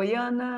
Oi, Ana.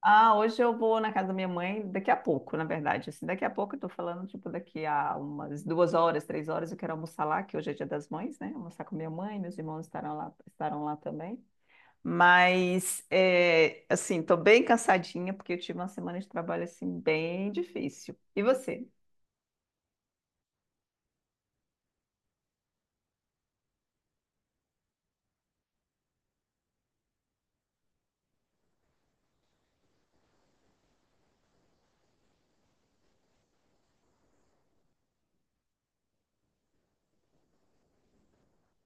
Ah, hoje eu vou na casa da minha mãe daqui a pouco, na verdade. Assim, daqui a pouco eu tô falando, tipo, daqui a umas duas horas, três horas, eu quero almoçar lá, que hoje é Dia das Mães, né? Almoçar com minha mãe, meus irmãos estarão lá também. Mas, assim, tô bem cansadinha, porque eu tive uma semana de trabalho, assim, bem difícil. E você?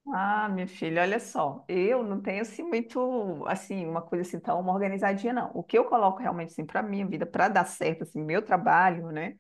Ah, minha filha, olha só, eu não tenho assim muito, assim, uma coisa assim tão uma organizadinha não. O que eu coloco realmente assim para minha vida, para dar certo assim, meu trabalho, né?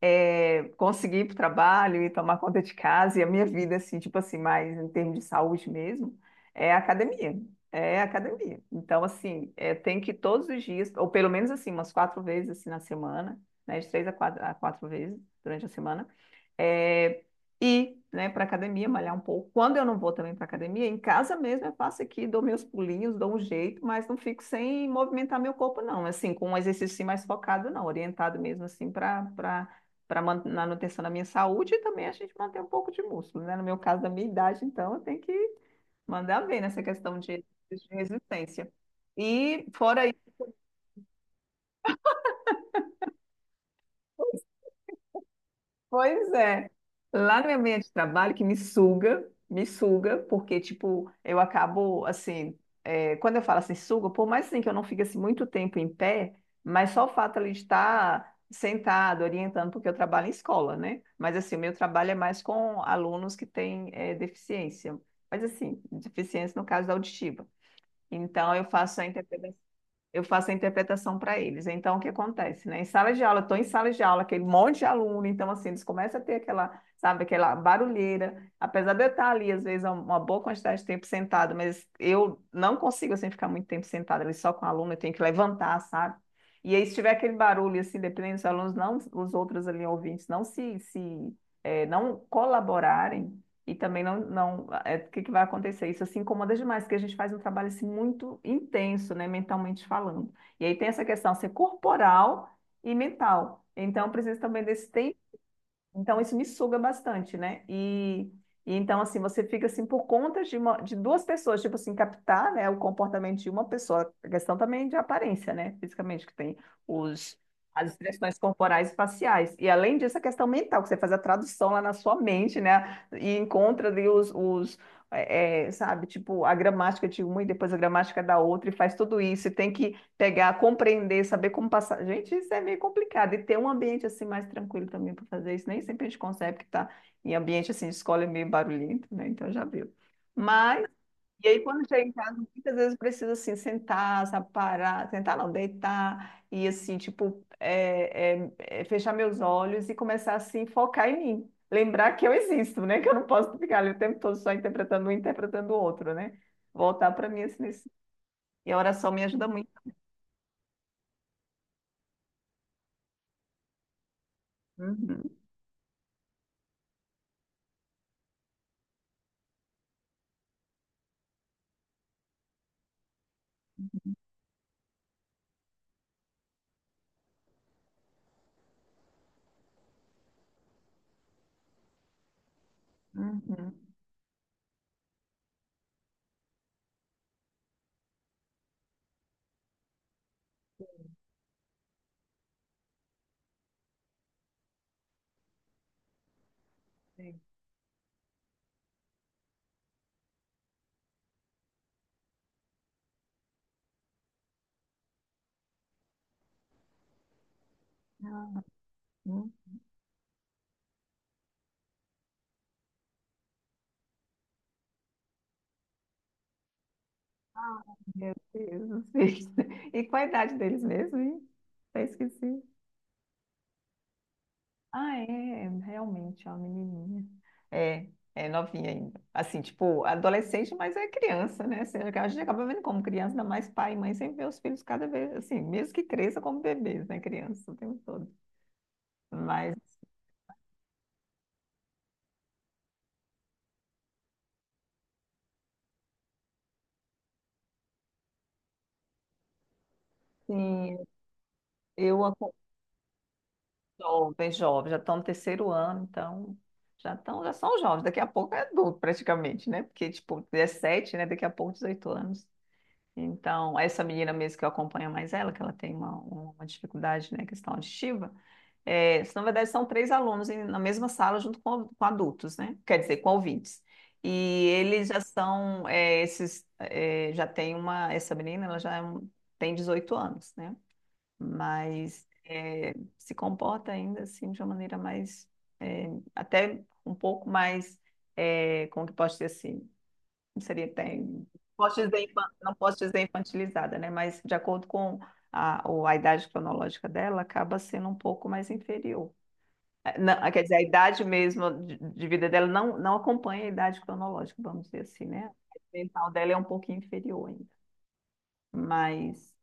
Conseguir ir para o trabalho e tomar conta de casa e a minha vida, assim, tipo assim, mais em termos de saúde mesmo, é a academia. É a academia. Então, assim, tem que ir todos os dias, ou pelo menos assim, umas quatro vezes assim, na semana, né? De três a quatro vezes durante a semana é, ir, né, para academia, malhar um pouco. Quando eu não vou também para academia, em casa mesmo eu faço aqui, dou meus pulinhos, dou um jeito, mas não fico sem movimentar meu corpo, não. Assim, com um exercício assim, mais focado, não, orientado mesmo assim para manutenção da minha saúde e também a gente manter um pouco de músculo, né? No meu caso, da minha idade, então, eu tenho que mandar bem nessa questão de resistência. E fora pois é. Lá no meu ambiente de trabalho, que me suga, porque, tipo, eu acabo, assim, quando eu falo assim, suga, por mais assim que eu não fique assim, muito tempo em pé, mas só o fato ali de estar sentado, orientando, porque eu trabalho em escola, né? Mas, assim, o meu trabalho é mais com alunos que têm deficiência, mas, assim, deficiência no caso auditiva. Então, eu faço a interpretação para eles. Então, o que acontece, né? Em sala de aula, estou em sala de aula, aquele monte de aluno, então, assim, eles começam a ter aquela, sabe, aquela barulheira. Apesar de eu estar ali, às vezes, uma boa quantidade de tempo sentado, mas eu não consigo, assim, ficar muito tempo sentado ali só com o aluno, eu tenho que levantar, sabe? E aí, se tiver aquele barulho, assim, dependendo dos alunos, não, os outros ali, ouvintes, se não colaborarem, e também não, não, é, o que que vai acontecer? Isso assim incomoda demais, porque a gente faz um trabalho assim, muito intenso, né, mentalmente falando. E aí tem essa questão ser corporal e mental. Então, precisa também desse tempo então, isso me suga bastante, né? E então, assim, você fica assim por conta de, de duas pessoas, tipo assim, captar, né, o comportamento de uma pessoa. A questão também de aparência, né? Fisicamente, que tem os, as expressões corporais e faciais. E além disso, a questão mental, que você faz a tradução lá na sua mente, né? E encontra ali os sabe, tipo, a gramática de uma e depois a gramática da outra, e faz tudo isso. E tem que pegar, compreender, saber como passar. Gente, isso é meio complicado. E ter um ambiente assim mais tranquilo também para fazer isso. Nem sempre a gente consegue, porque tá em ambiente assim, de escola é meio barulhento, né? Então já viu. Mas, e aí quando chega em casa, muitas vezes precisa assim sentar, sabe, parar, sentar não, deitar e assim, tipo, fechar meus olhos e começar assim, focar em mim. Lembrar que eu existo, né? Que eu não posso ficar ali o tempo todo só interpretando um, interpretando o outro, né? Voltar para mim assim, e a oração me ajuda muito. Uhum. Uhum. Sim. Ah, hum, meu Deus do céu. E qual a idade deles mesmo, hein? Até esqueci. Ah, é, realmente, é uma menininha. É, é novinha ainda. Assim, tipo, adolescente, mas é criança, né? Assim, a gente acaba vendo como criança, ainda mais pai e mãe, sempre vê os filhos cada vez, assim, mesmo que cresça como bebês, né? Criança o tempo todo. Mas, assim, eu jovens, jovens, já estão no terceiro ano, então já estão, já são jovens. Daqui a pouco é adulto, praticamente, né? Porque, tipo, 17, né? Daqui a pouco 18 anos. Então, essa menina mesmo que eu acompanho mais ela, que ela tem uma dificuldade, né? Questão auditiva, na verdade são três alunos na mesma sala junto com adultos, né? Quer dizer, com ouvintes. E eles já são, já tem uma, essa menina, ela já é um- tem 18 anos, né? Mas se comporta ainda assim de uma maneira mais, eh, até um pouco mais, como que posso dizer assim, não seria até, não posso dizer, não posso dizer infantilizada, né? Mas de acordo com a idade cronológica dela, acaba sendo um pouco mais inferior. Não, ah, quer dizer, a idade mesmo de vida dela não, não acompanha a idade cronológica, vamos dizer assim, né? A idade mental dela é um pouquinho inferior ainda, mas...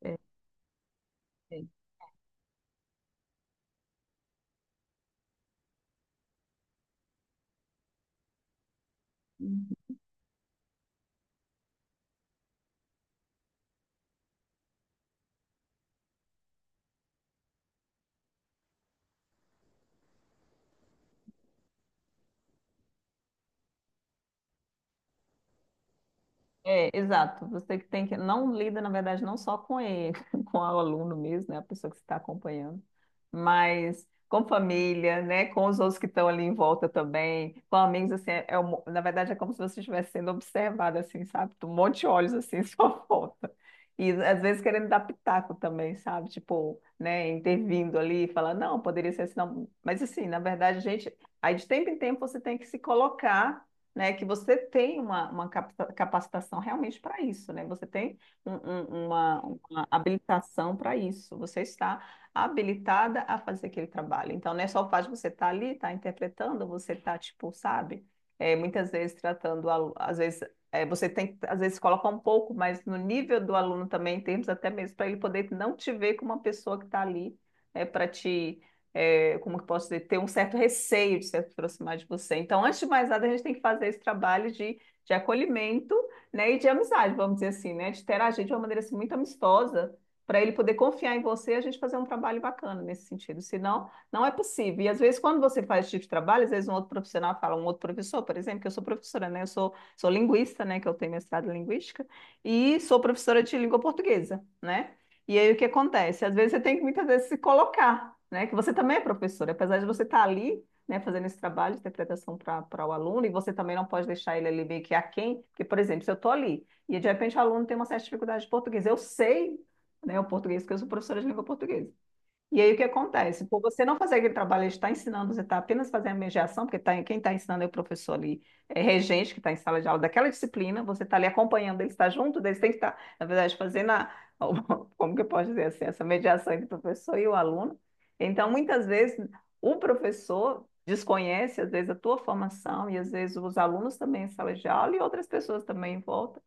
é. É, exato. Você que tem que não lida, na verdade, não só com ele, com o aluno mesmo, né, a pessoa que você está acompanhando, mas com família, né, com os outros que estão ali em volta também, com amigos assim, na verdade é como se você estivesse sendo observado assim, sabe? Um monte de olhos assim em sua volta. E às vezes querendo dar pitaco também, sabe? Tipo, né, intervindo ali, falando, não, poderia ser assim, não. Mas assim, na verdade, gente, aí de tempo em tempo você tem que se colocar né, que você tem uma capacitação realmente para isso, né? Você tem um- um- uma, uma habilitação para isso. Você está habilitada a fazer aquele trabalho. Então, não é só o fato de você estar ali, estar interpretando, você está, tipo, sabe? É, muitas vezes tratando, às vezes, você tem que, às vezes, colocar um pouco mas no nível do aluno também, em termos até mesmo para ele poder não te ver como uma pessoa que está ali, é, para te como que posso dizer, ter um certo receio de se aproximar de você. Então, antes de mais nada, a gente tem que fazer esse trabalho de acolhimento, né, e de amizade, vamos dizer assim, né, de interagir de uma maneira assim, muito amistosa, para ele poder confiar em você e a gente fazer um trabalho bacana nesse sentido. Senão, não é possível. E às vezes, quando você faz esse tipo de trabalho, às vezes um outro profissional fala, um outro professor, por exemplo, que eu sou professora, né, sou linguista, né, que eu tenho mestrado em linguística, e sou professora de língua portuguesa, né? E aí o que acontece? Às vezes você tem que muitas vezes se colocar, né? Que você também é professor, apesar de você estar ali, né, fazendo esse trabalho de interpretação para o aluno, e você também não pode deixar ele ali meio que aquém, porque, por exemplo, se eu estou ali e de repente o aluno tem uma certa dificuldade de português, eu sei, né, o português, porque eu sou professora de língua portuguesa. E aí o que acontece? Por você não fazer aquele trabalho, ele está ensinando, você está apenas fazendo mediação, porque tá, quem está ensinando é o professor ali, é regente, que está em sala de aula daquela disciplina, você está ali acompanhando, ele está junto, eles têm que estar, na verdade, fazendo a, como que eu posso dizer assim, essa mediação entre o professor e o aluno. Então, muitas vezes, o professor desconhece, às vezes, a tua formação, e às vezes os alunos também em sala de aula, e outras pessoas também em volta.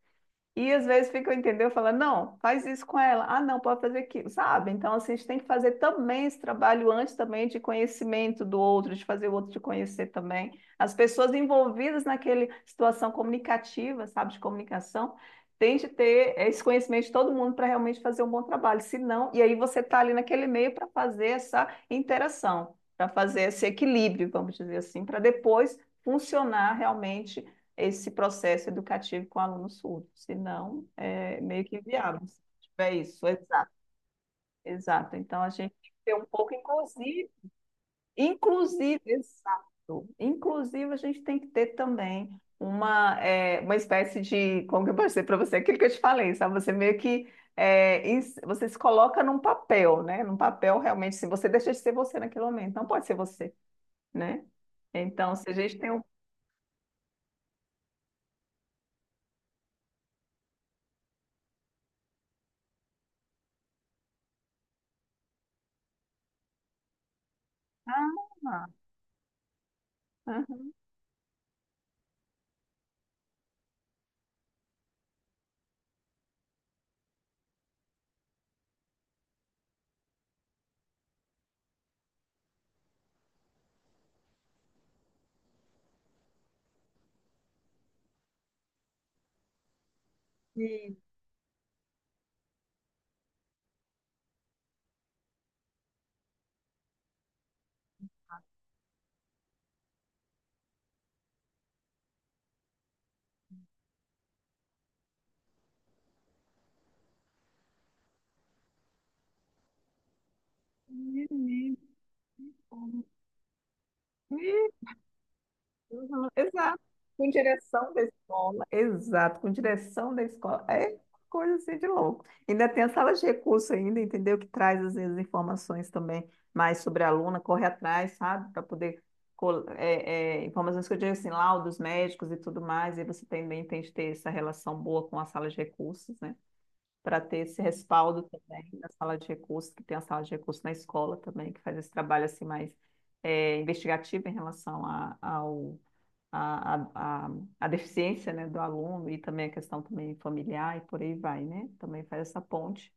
E às vezes fica, entendeu? Fala, não, faz isso com ela. Ah, não, pode fazer aquilo, sabe? Então, assim, a gente tem que fazer também esse trabalho antes também de conhecimento do outro, de fazer o outro te conhecer também. As pessoas envolvidas naquela situação comunicativa, sabe, de comunicação, tem de ter esse conhecimento de todo mundo para realmente fazer um bom trabalho. Se não, e aí você está ali naquele meio para fazer essa interação, para fazer esse equilíbrio, vamos dizer assim, para depois funcionar realmente esse processo educativo com aluno surdo, senão é meio que inviável. Se tiver isso, exato, exato. Então a gente tem que ter um pouco inclusive, inclusive, exato. Inclusive a gente tem que ter também uma espécie de, como que eu posso dizer para você, aquilo que eu te falei, sabe? Você meio que você se coloca num papel, né? Num papel realmente, se você deixa de ser você naquele momento, não pode ser você, né? Então, se a gente tem um. Ah, ah, ah. Isso, uhum, exato. Com direção da escola. Exato, com direção da escola. É coisa assim de louco. Ainda tem a sala de recurso ainda, entendeu? Que traz às vezes informações também mais sobre a aluna, corre atrás, sabe? Para poder. Informações que eu digo assim, laudos médicos e tudo mais, e você também tem que ter essa relação boa com a sala de recursos, né? Para ter esse respaldo também na sala de recursos, que tem a sala de recursos na escola também, que faz esse trabalho assim mais investigativo em relação à a, ao, a, a, a, a deficiência, né, do aluno e também a questão também familiar e por aí vai, né? Também faz essa ponte.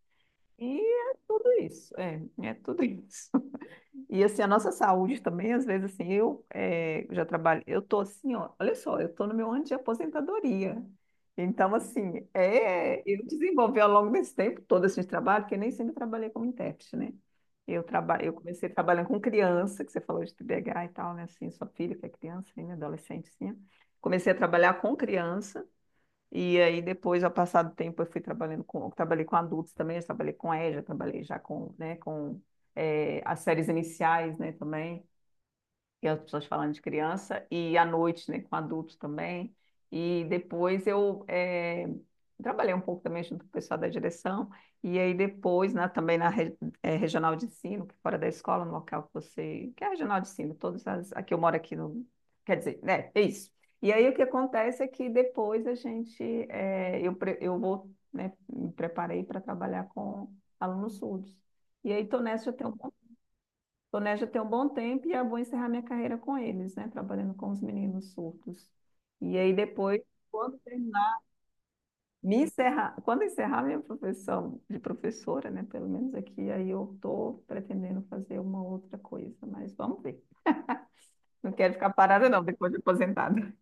E é tudo isso, é tudo isso. E assim, a nossa saúde também, às vezes assim, já trabalho, eu tô assim, ó, olha só, eu tô no meu ano de aposentadoria. Então, assim, eu desenvolvi ao longo desse tempo todo esse trabalho, porque nem sempre trabalhei como intérprete, né? Eu comecei trabalhando com criança, que você falou de TDAH e tal, né? Assim, sua filha que é criança ainda, adolescentezinha. Comecei a trabalhar com criança, e aí depois, ao passar do tempo, eu fui trabalhando com, trabalhei com adultos também, eu trabalhei com EJA, trabalhei já com, né, com as séries iniciais, né, também e as pessoas falando de criança, e à noite, né, com adultos também. E depois trabalhei um pouco também junto com o pessoal da direção, e aí depois, né, também na regional de ensino, que é fora da escola, no local que você. Que é a regional de ensino, todas as. Aqui eu moro aqui no. Quer dizer, né, é isso. E aí o que acontece é que depois a gente. Eu vou, né, me preparei para trabalhar com alunos surdos. E aí, estou nessa já tem um planejo ter um bom tempo e eu vou encerrar minha carreira com eles, né? Trabalhando com os meninos surdos. E aí depois, quando terminar, me encerrar, quando encerrar minha profissão de professora, né? Pelo menos aqui, aí eu estou pretendendo fazer uma outra coisa, mas vamos ver. Não quero ficar parada, não, depois de aposentada.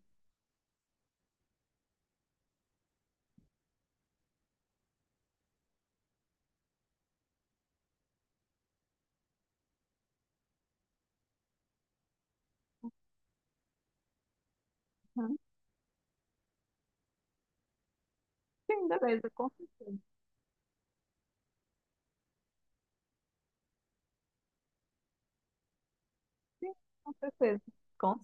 Sim, beleza, com certeza. Sim, com certeza. Com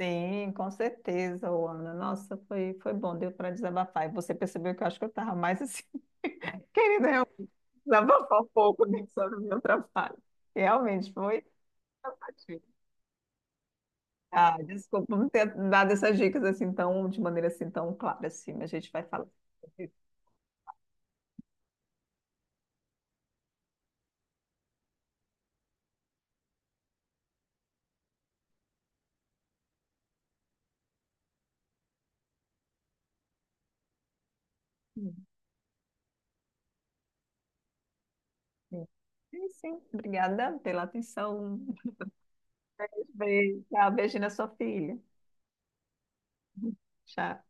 Sim, com certeza, ô, Ana. Nossa, foi bom, deu para desabafar. E você percebeu que eu acho que eu estava mais assim, querendo realmente desabafar um pouco né, sobre o meu trabalho. Realmente foi. Cansativo. Ah, desculpa não ter dado essas dicas assim tão, de maneira assim tão clara assim, mas a gente vai falar. Sim, sim. Sim, sim. Obrigada pela atenção. Beijo. Tchau, beijo na sua filha. Tchau.